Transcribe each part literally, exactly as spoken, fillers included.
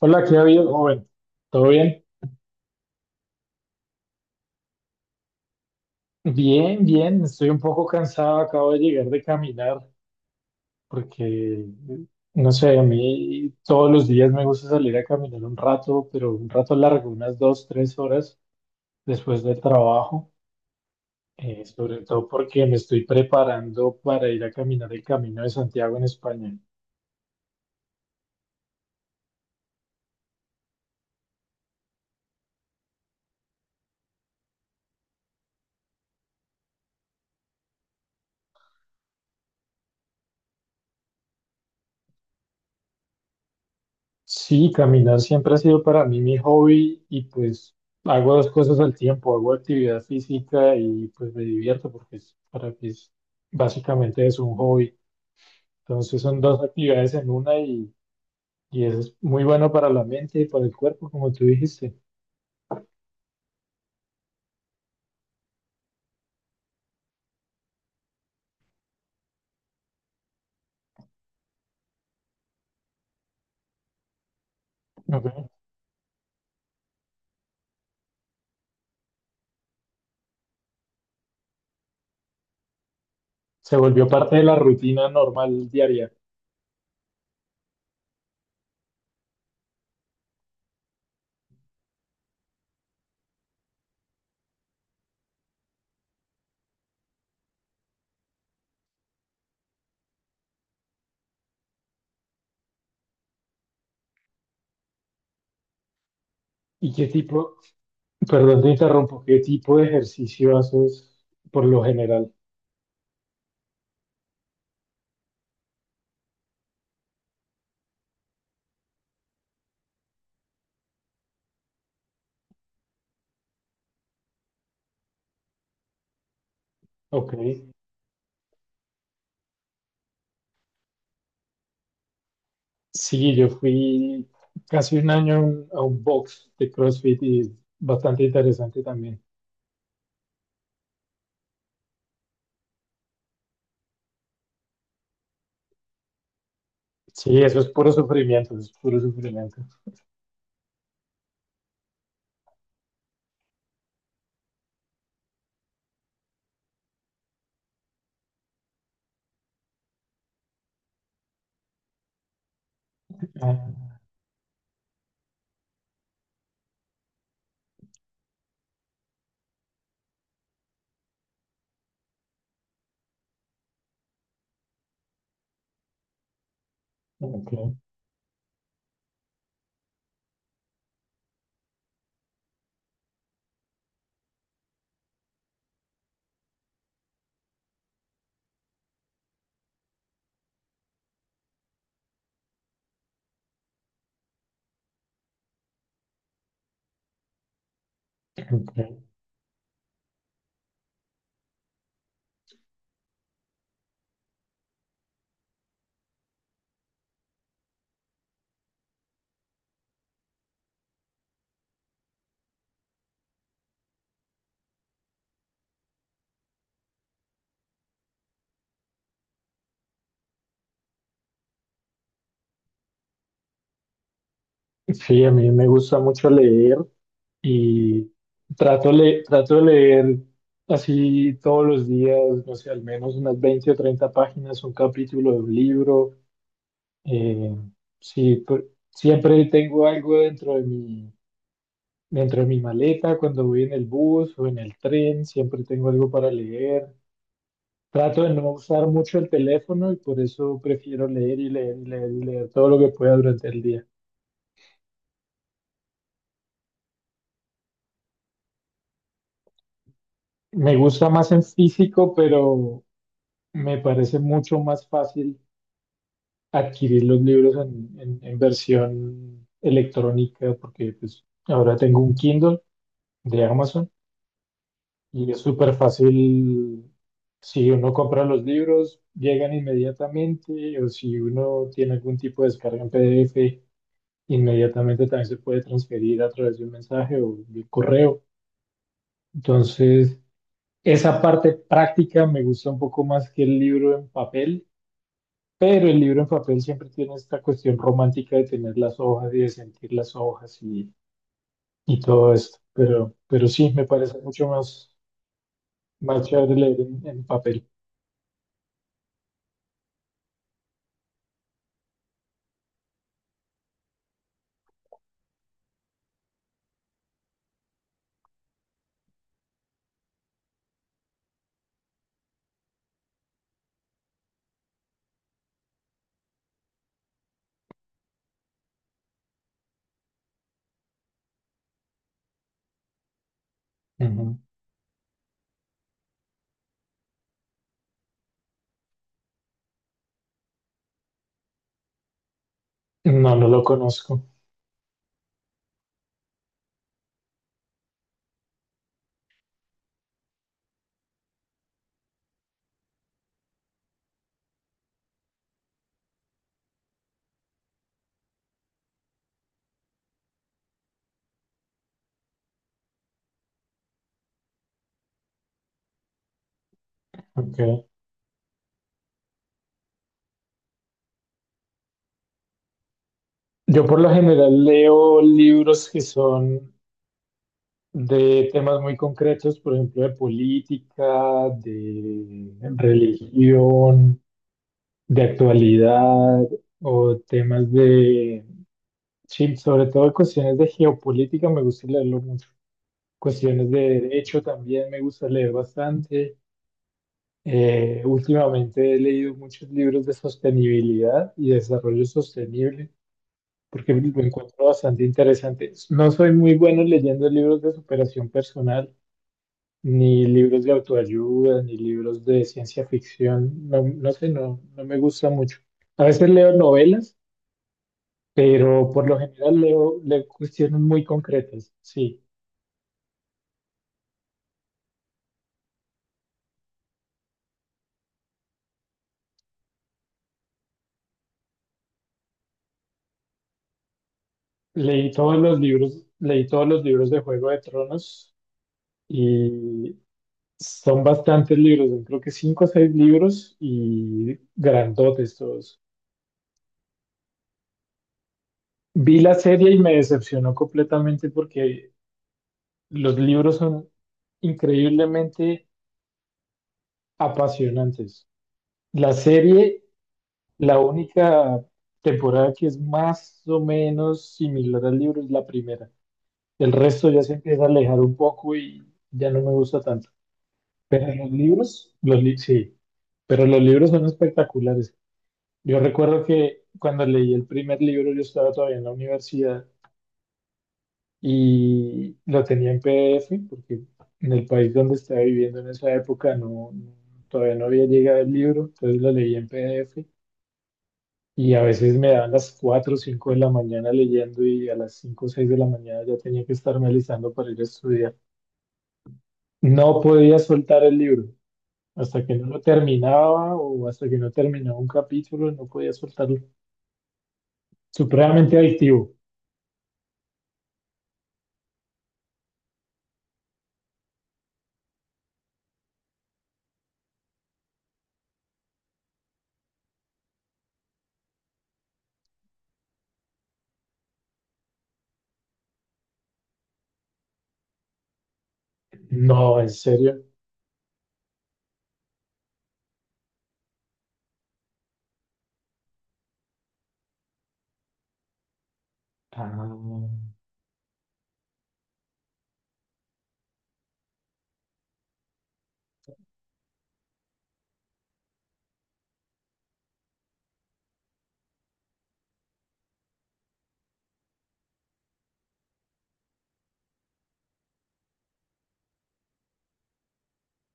Hola, ¿qué ha habido, joven? ¿Todo bien? Bien, bien. Estoy un poco cansado. Acabo de llegar de caminar porque, no sé, a mí todos los días me gusta salir a caminar un rato, pero un rato largo, unas dos, tres horas después del trabajo. Eh, sobre todo porque me estoy preparando para ir a caminar el Camino de Santiago en España. Sí, caminar siempre ha sido para mí mi hobby y pues hago dos cosas al tiempo, hago actividad física y pues me divierto porque es- para mí es, básicamente es un hobby. Entonces son dos actividades en una y, y eso es muy bueno para la mente y para el cuerpo, como tú dijiste. Ok. Se volvió parte de la rutina normal diaria. ¿Y qué tipo, perdón te interrumpo, qué tipo de ejercicio haces por lo general? Ok. Sí, yo fui casi un año a un a un box de CrossFit y es bastante interesante también. Sí, eso es puro sufrimiento, eso es puro sufrimiento. Ah, ok, ok. Sí, a mí me gusta mucho leer y trato, le trato de leer así todos los días, no sé, al menos unas veinte o treinta páginas, un capítulo de un libro. Eh, sí, por- siempre tengo algo dentro de mí dentro de mi maleta, cuando voy en el bus o en el tren, siempre tengo algo para leer. Trato de no usar mucho el teléfono y por eso prefiero leer y leer y leer y leer todo lo que pueda durante el día. Me gusta más en físico, pero me parece mucho más fácil adquirir los libros en, en- en versión electrónica porque pues, ahora tengo un Kindle de Amazon. Y es súper fácil si uno compra los libros, llegan inmediatamente, o si uno tiene algún tipo de descarga en P D F, inmediatamente también se puede transferir a través de un mensaje o de correo. Entonces, esa parte práctica me gusta un poco más que el libro en papel, pero el libro en papel siempre tiene esta cuestión romántica de tener las hojas y de sentir las hojas y, y todo esto. Pero, pero sí, me parece mucho más, más chévere leer en, en papel. Ujú. No, no lo conozco. Okay. Yo por lo general leo libros que son de temas muy concretos, por ejemplo, de política, de religión, de actualidad o temas de, sí, sobre todo cuestiones de geopolítica, me gusta leerlo mucho. Cuestiones de derecho también me gusta leer bastante. Eh, últimamente he leído muchos libros de sostenibilidad y desarrollo sostenible, porque lo encuentro bastante interesante. No soy muy bueno leyendo libros de superación personal, ni libros de autoayuda, ni libros de ciencia ficción. No, no sé, no, no me gusta mucho. A veces leo novelas, pero por lo general leo, leo cuestiones muy concretas. Sí, leí todos los libros, leí todos los libros de Juego de Tronos y son bastantes libros, yo creo que cinco o seis libros y grandotes todos. Vi la serie y me decepcionó completamente porque los libros son increíblemente apasionantes. La serie, la única temporada que es más o menos similar al libro es la primera. El resto ya se empieza a alejar un poco y ya no me gusta tanto. Pero los libros, los li- sí, pero los libros son espectaculares. Yo recuerdo que cuando leí el primer libro yo estaba todavía en la universidad y lo tenía en P D F porque en el país donde estaba viviendo en esa época no, no- todavía no había llegado el libro, entonces lo leía en P D F y a veces me daban las cuatro o cinco de la mañana leyendo y a las cinco o seis de la mañana ya tenía que estarme alistando para ir a estudiar. No podía soltar el libro. Hasta que no lo terminaba o hasta que no terminaba un capítulo, no podía soltarlo. Supremamente adictivo. No, en serio. Ah.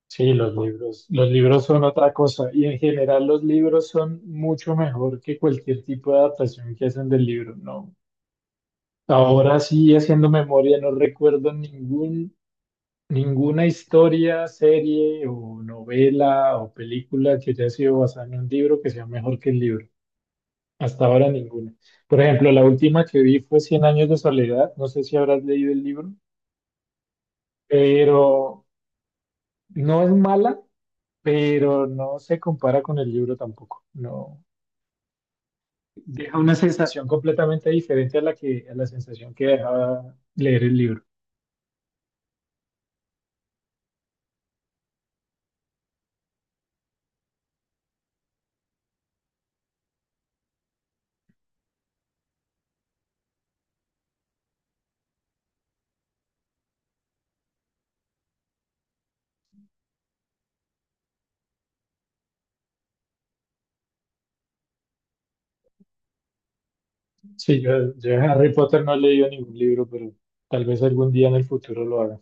Sí, los libros, los libros son otra cosa y en general los libros son mucho mejor que cualquier tipo de adaptación que hacen del libro, ¿no? Ahora sí, haciendo memoria, no recuerdo ningún, ninguna historia, serie o novela o película que haya sido basada en un libro que sea mejor que el libro. Hasta ahora ninguna. Por ejemplo, la última que vi fue Cien años de soledad, no sé si habrás leído el libro, pero no es mala, pero no se compara con el libro tampoco. No deja una sensación completamente diferente a la que a la sensación que dejaba leer el libro. Sí, yo, yo de Harry Potter no he leído ningún libro, pero tal vez algún día en el futuro lo haga.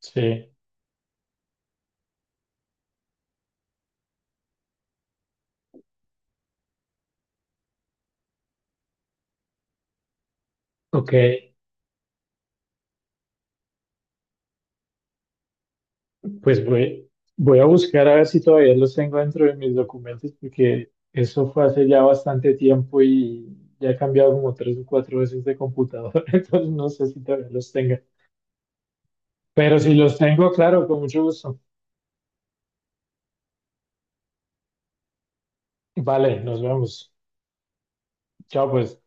Sí, ok. Pues voy, voy a buscar a ver si todavía los tengo dentro de mis documentos, porque eso fue hace ya bastante tiempo y ya he cambiado como tres o cuatro veces de computador, entonces no sé si todavía los tenga. Pero si los tengo, claro, con mucho gusto. Vale, nos vemos. Chao, pues.